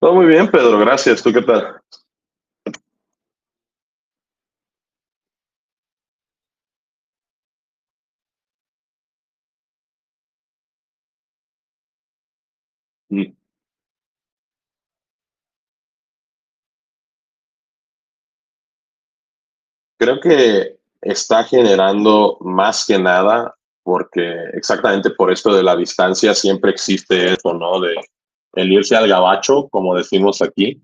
Todo muy bien, Pedro, gracias. ¿Tú qué tal? Mm, Creo que está generando más que nada porque exactamente por esto de la distancia siempre existe eso, ¿no? De el irse al gabacho, como decimos aquí,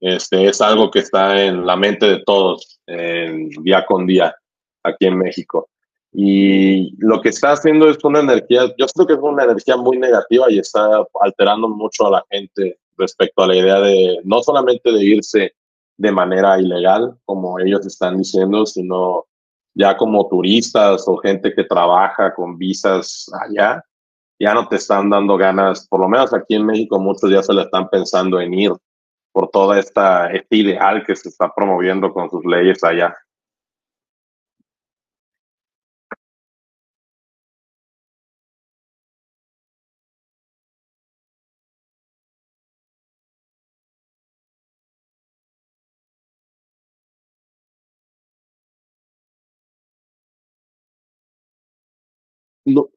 es algo que está en la mente de todos en día con día aquí en México. Y lo que está haciendo es una energía, yo creo que es una energía muy negativa y está alterando mucho a la gente respecto a la idea de no solamente de irse de manera ilegal, como ellos están diciendo, sino ya como turistas o gente que trabaja con visas allá, ya no te están dando ganas, por lo menos aquí en México muchos ya se la están pensando en ir por toda esta este ideal que se está promoviendo con sus leyes allá. No,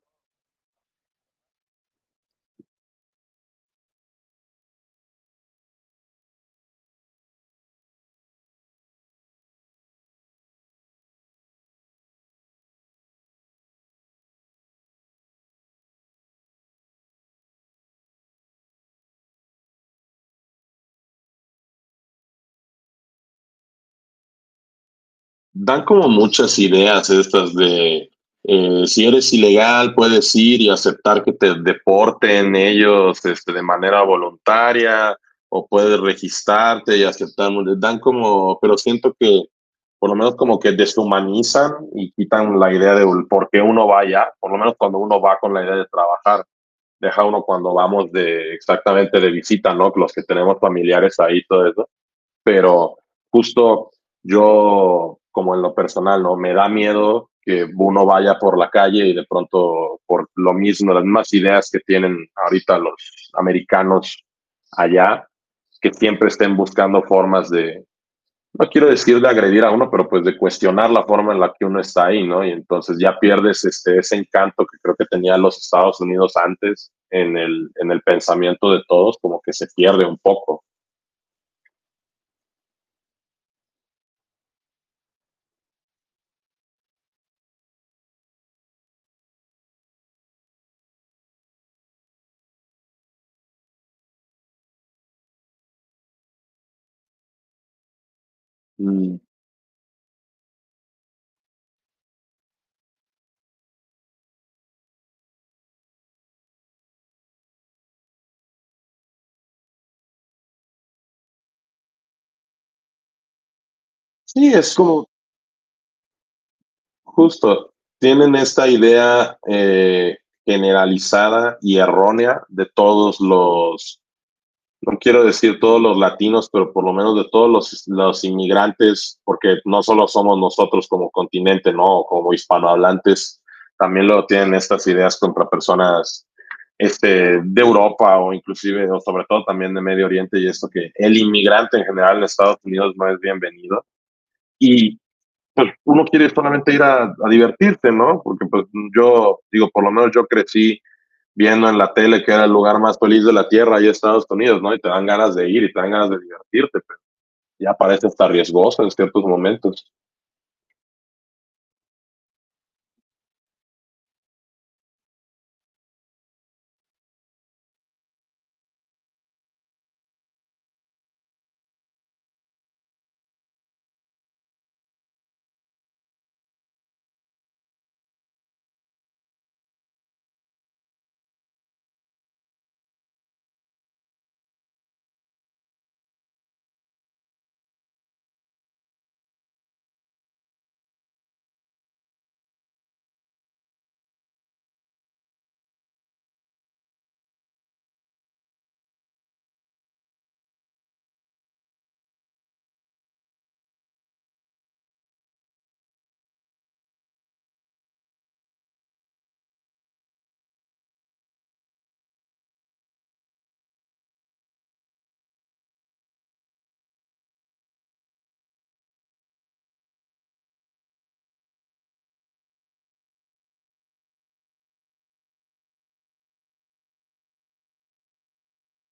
dan como muchas ideas estas de si eres ilegal puedes ir y aceptar que te deporten ellos de manera voluntaria o puedes registrarte y aceptar. Dan como, pero siento que por lo menos como que deshumanizan y quitan la idea de por qué uno va allá, por lo menos cuando uno va con la idea de trabajar. Deja uno cuando vamos de exactamente de visita, ¿no? Los que tenemos familiares ahí, todo eso. Pero justo yo, como en lo personal, ¿no? Me da miedo que uno vaya por la calle y de pronto por lo mismo, las mismas ideas que tienen ahorita los americanos allá, que siempre estén buscando formas de, no quiero decir de agredir a uno, pero pues de cuestionar la forma en la que uno está ahí, ¿no? Y entonces ya pierdes ese encanto que creo que tenía los Estados Unidos antes en el pensamiento de todos, como que se pierde un poco. Sí, es como justo, tienen esta idea generalizada y errónea de todos los no quiero decir todos los latinos, pero por lo menos de todos los inmigrantes, porque no solo somos nosotros como continente, ¿no? Como hispanohablantes, también lo tienen estas ideas contra personas de Europa o inclusive, o sobre todo también de Medio Oriente y esto que el inmigrante en general en Estados Unidos no es bienvenido. Y pues uno quiere solamente ir a divertirse, ¿no? Porque pues yo, digo, por lo menos yo crecí viendo en la tele que era el lugar más feliz de la tierra, ahí en Estados Unidos, ¿no? Y te dan ganas de ir y te dan ganas de divertirte, pero ya parece hasta riesgoso en ciertos momentos.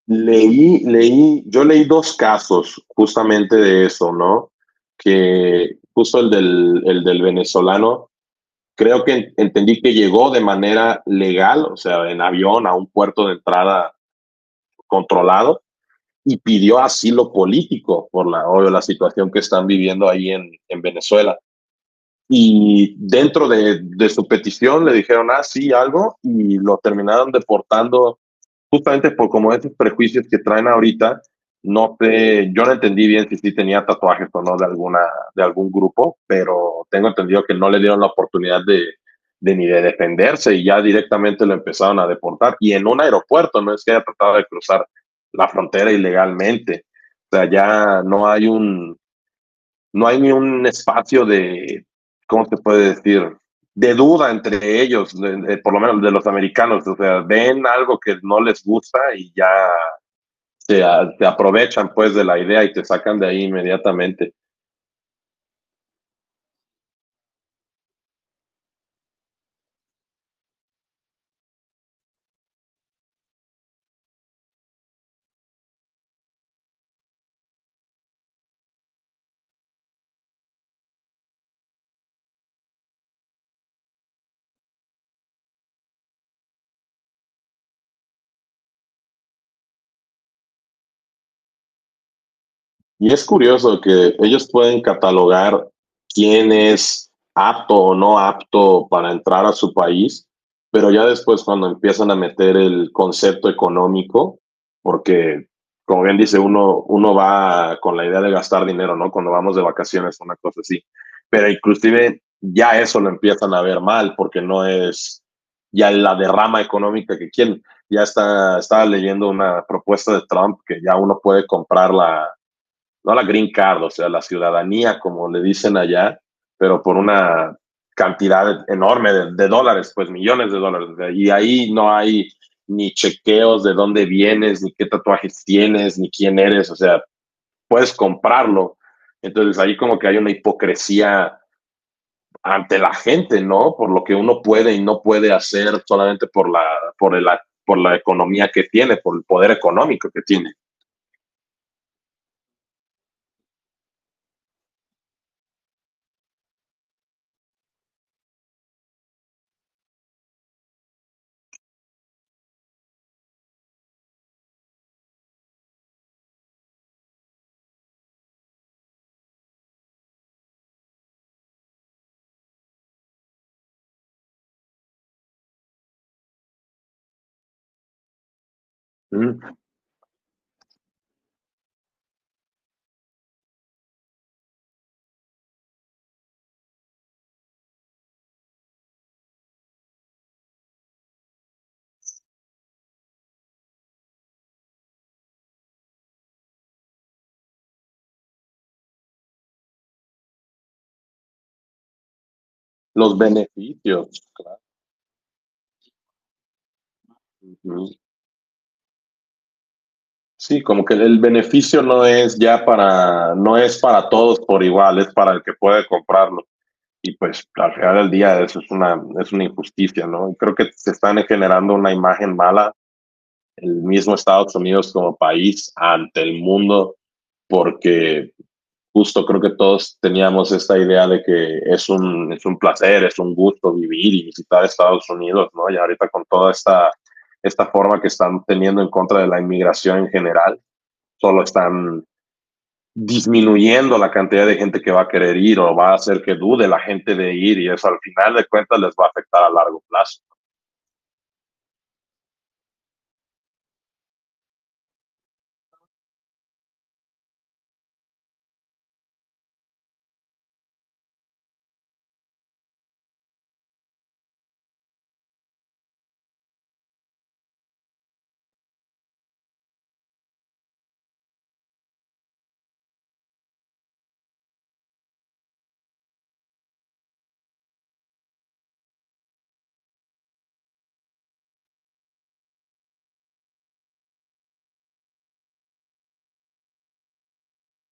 Yo leí dos casos justamente de eso, ¿no? Que justo el del venezolano, creo que entendí que llegó de manera legal, o sea, en avión a un puerto de entrada controlado y pidió asilo político por la, obvio, la situación que están viviendo ahí en Venezuela y dentro de su petición le dijeron, ah, sí, algo, y lo terminaron deportando justamente por como esos prejuicios que traen ahorita. No sé, yo no entendí bien si sí tenía tatuajes o no de algún grupo, pero tengo entendido que no le dieron la oportunidad de ni de defenderse y ya directamente lo empezaron a deportar. Y en un aeropuerto, no es que haya tratado de cruzar la frontera ilegalmente. O sea, ya no hay ni un espacio de, ¿cómo se puede decir? De duda entre ellos, por lo menos de los americanos. O sea, ven algo que no les gusta y ya se aprovechan pues de la idea y te sacan de ahí inmediatamente. Y es curioso que ellos pueden catalogar quién es apto o no apto para entrar a su país, pero ya después cuando empiezan a meter el concepto económico, porque como bien dice uno, uno va con la idea de gastar dinero, ¿no? Cuando vamos de vacaciones, una cosa así, pero inclusive ya eso lo empiezan a ver mal porque no es ya la derrama económica que quieren. Ya está, estaba leyendo una propuesta de Trump que ya uno puede comprar la, no la green card, o sea, la ciudadanía, como le dicen allá, pero por una cantidad enorme de dólares, pues millones de dólares. Y ahí no hay ni chequeos de dónde vienes, ni qué tatuajes tienes, ni quién eres, o sea, puedes comprarlo. Entonces ahí como que hay una hipocresía ante la gente, ¿no? Por lo que uno puede y no puede hacer solamente por la, por el, por la economía que tiene, por el poder económico que tiene. Mm. Los beneficios. Claro. Sí, como que el beneficio no es ya para, no es para todos por igual, es para el que puede comprarlo. Y pues al final del día eso es una injusticia, ¿no? Y creo que se están generando una imagen mala el mismo Estados Unidos como país ante el mundo, porque justo creo que todos teníamos esta idea de que es un placer, es un gusto vivir y visitar Estados Unidos, ¿no? Y ahorita con toda esta forma que están teniendo en contra de la inmigración en general, solo están disminuyendo la cantidad de gente que va a querer ir o va a hacer que dude la gente de ir y eso al final de cuentas les va a afectar a largo plazo.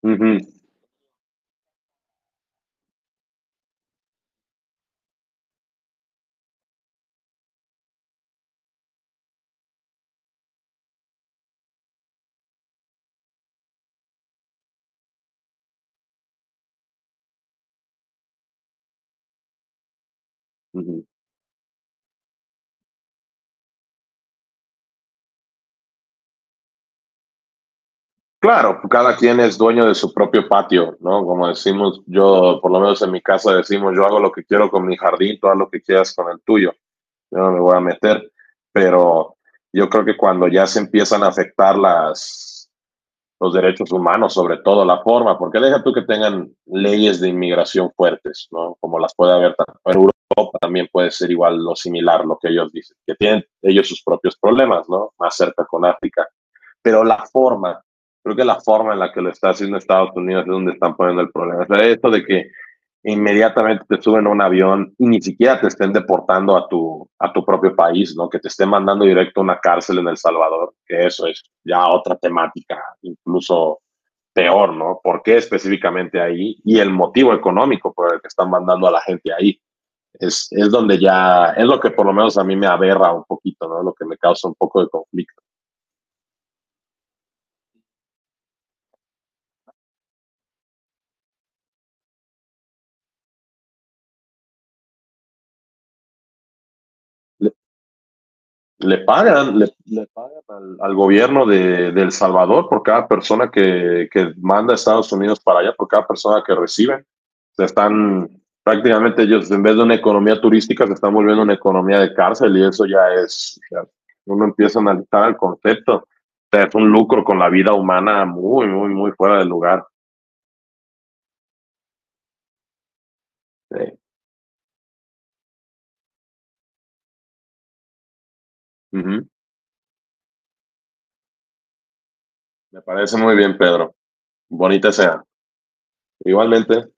Uh -huh, uh -huh. Claro, cada quien es dueño de su propio patio, ¿no? Como decimos, yo, por lo menos en mi casa decimos, yo hago lo que quiero con mi jardín, tú haz lo que quieras con el tuyo, yo no me voy a meter, pero yo creo que cuando ya se empiezan a afectar las, los derechos humanos, sobre todo la forma, porque deja tú que tengan leyes de inmigración fuertes, ¿no? Como las puede haber tanto en también puede ser igual lo similar, lo que ellos dicen, que tienen ellos sus propios problemas, ¿no? Más cerca con África, pero la forma, creo que la forma en la que lo está haciendo Estados Unidos es donde están poniendo el problema. O sea, esto de que inmediatamente te suben a un avión y ni siquiera te estén deportando a tu propio país, ¿no? Que te estén mandando directo a una cárcel en El Salvador, que eso es ya otra temática, incluso peor, ¿no? ¿Por qué específicamente ahí? Y el motivo económico por el que están mandando a la gente ahí es donde ya, es lo que por lo menos a mí me aberra un poquito, ¿no? Lo que me causa un poco de conflicto. Le, le pagan al gobierno de El Salvador por cada persona que manda a Estados Unidos para allá, por cada persona que reciben. Se están prácticamente ellos, en vez de una economía turística, se están volviendo una economía de cárcel y eso ya es, ya uno empieza a analizar el concepto. O sea, es un lucro con la vida humana muy, muy, muy fuera de lugar. Sí. Uh -huh. Me parece muy bien, Pedro. Bonita sea. Igualmente.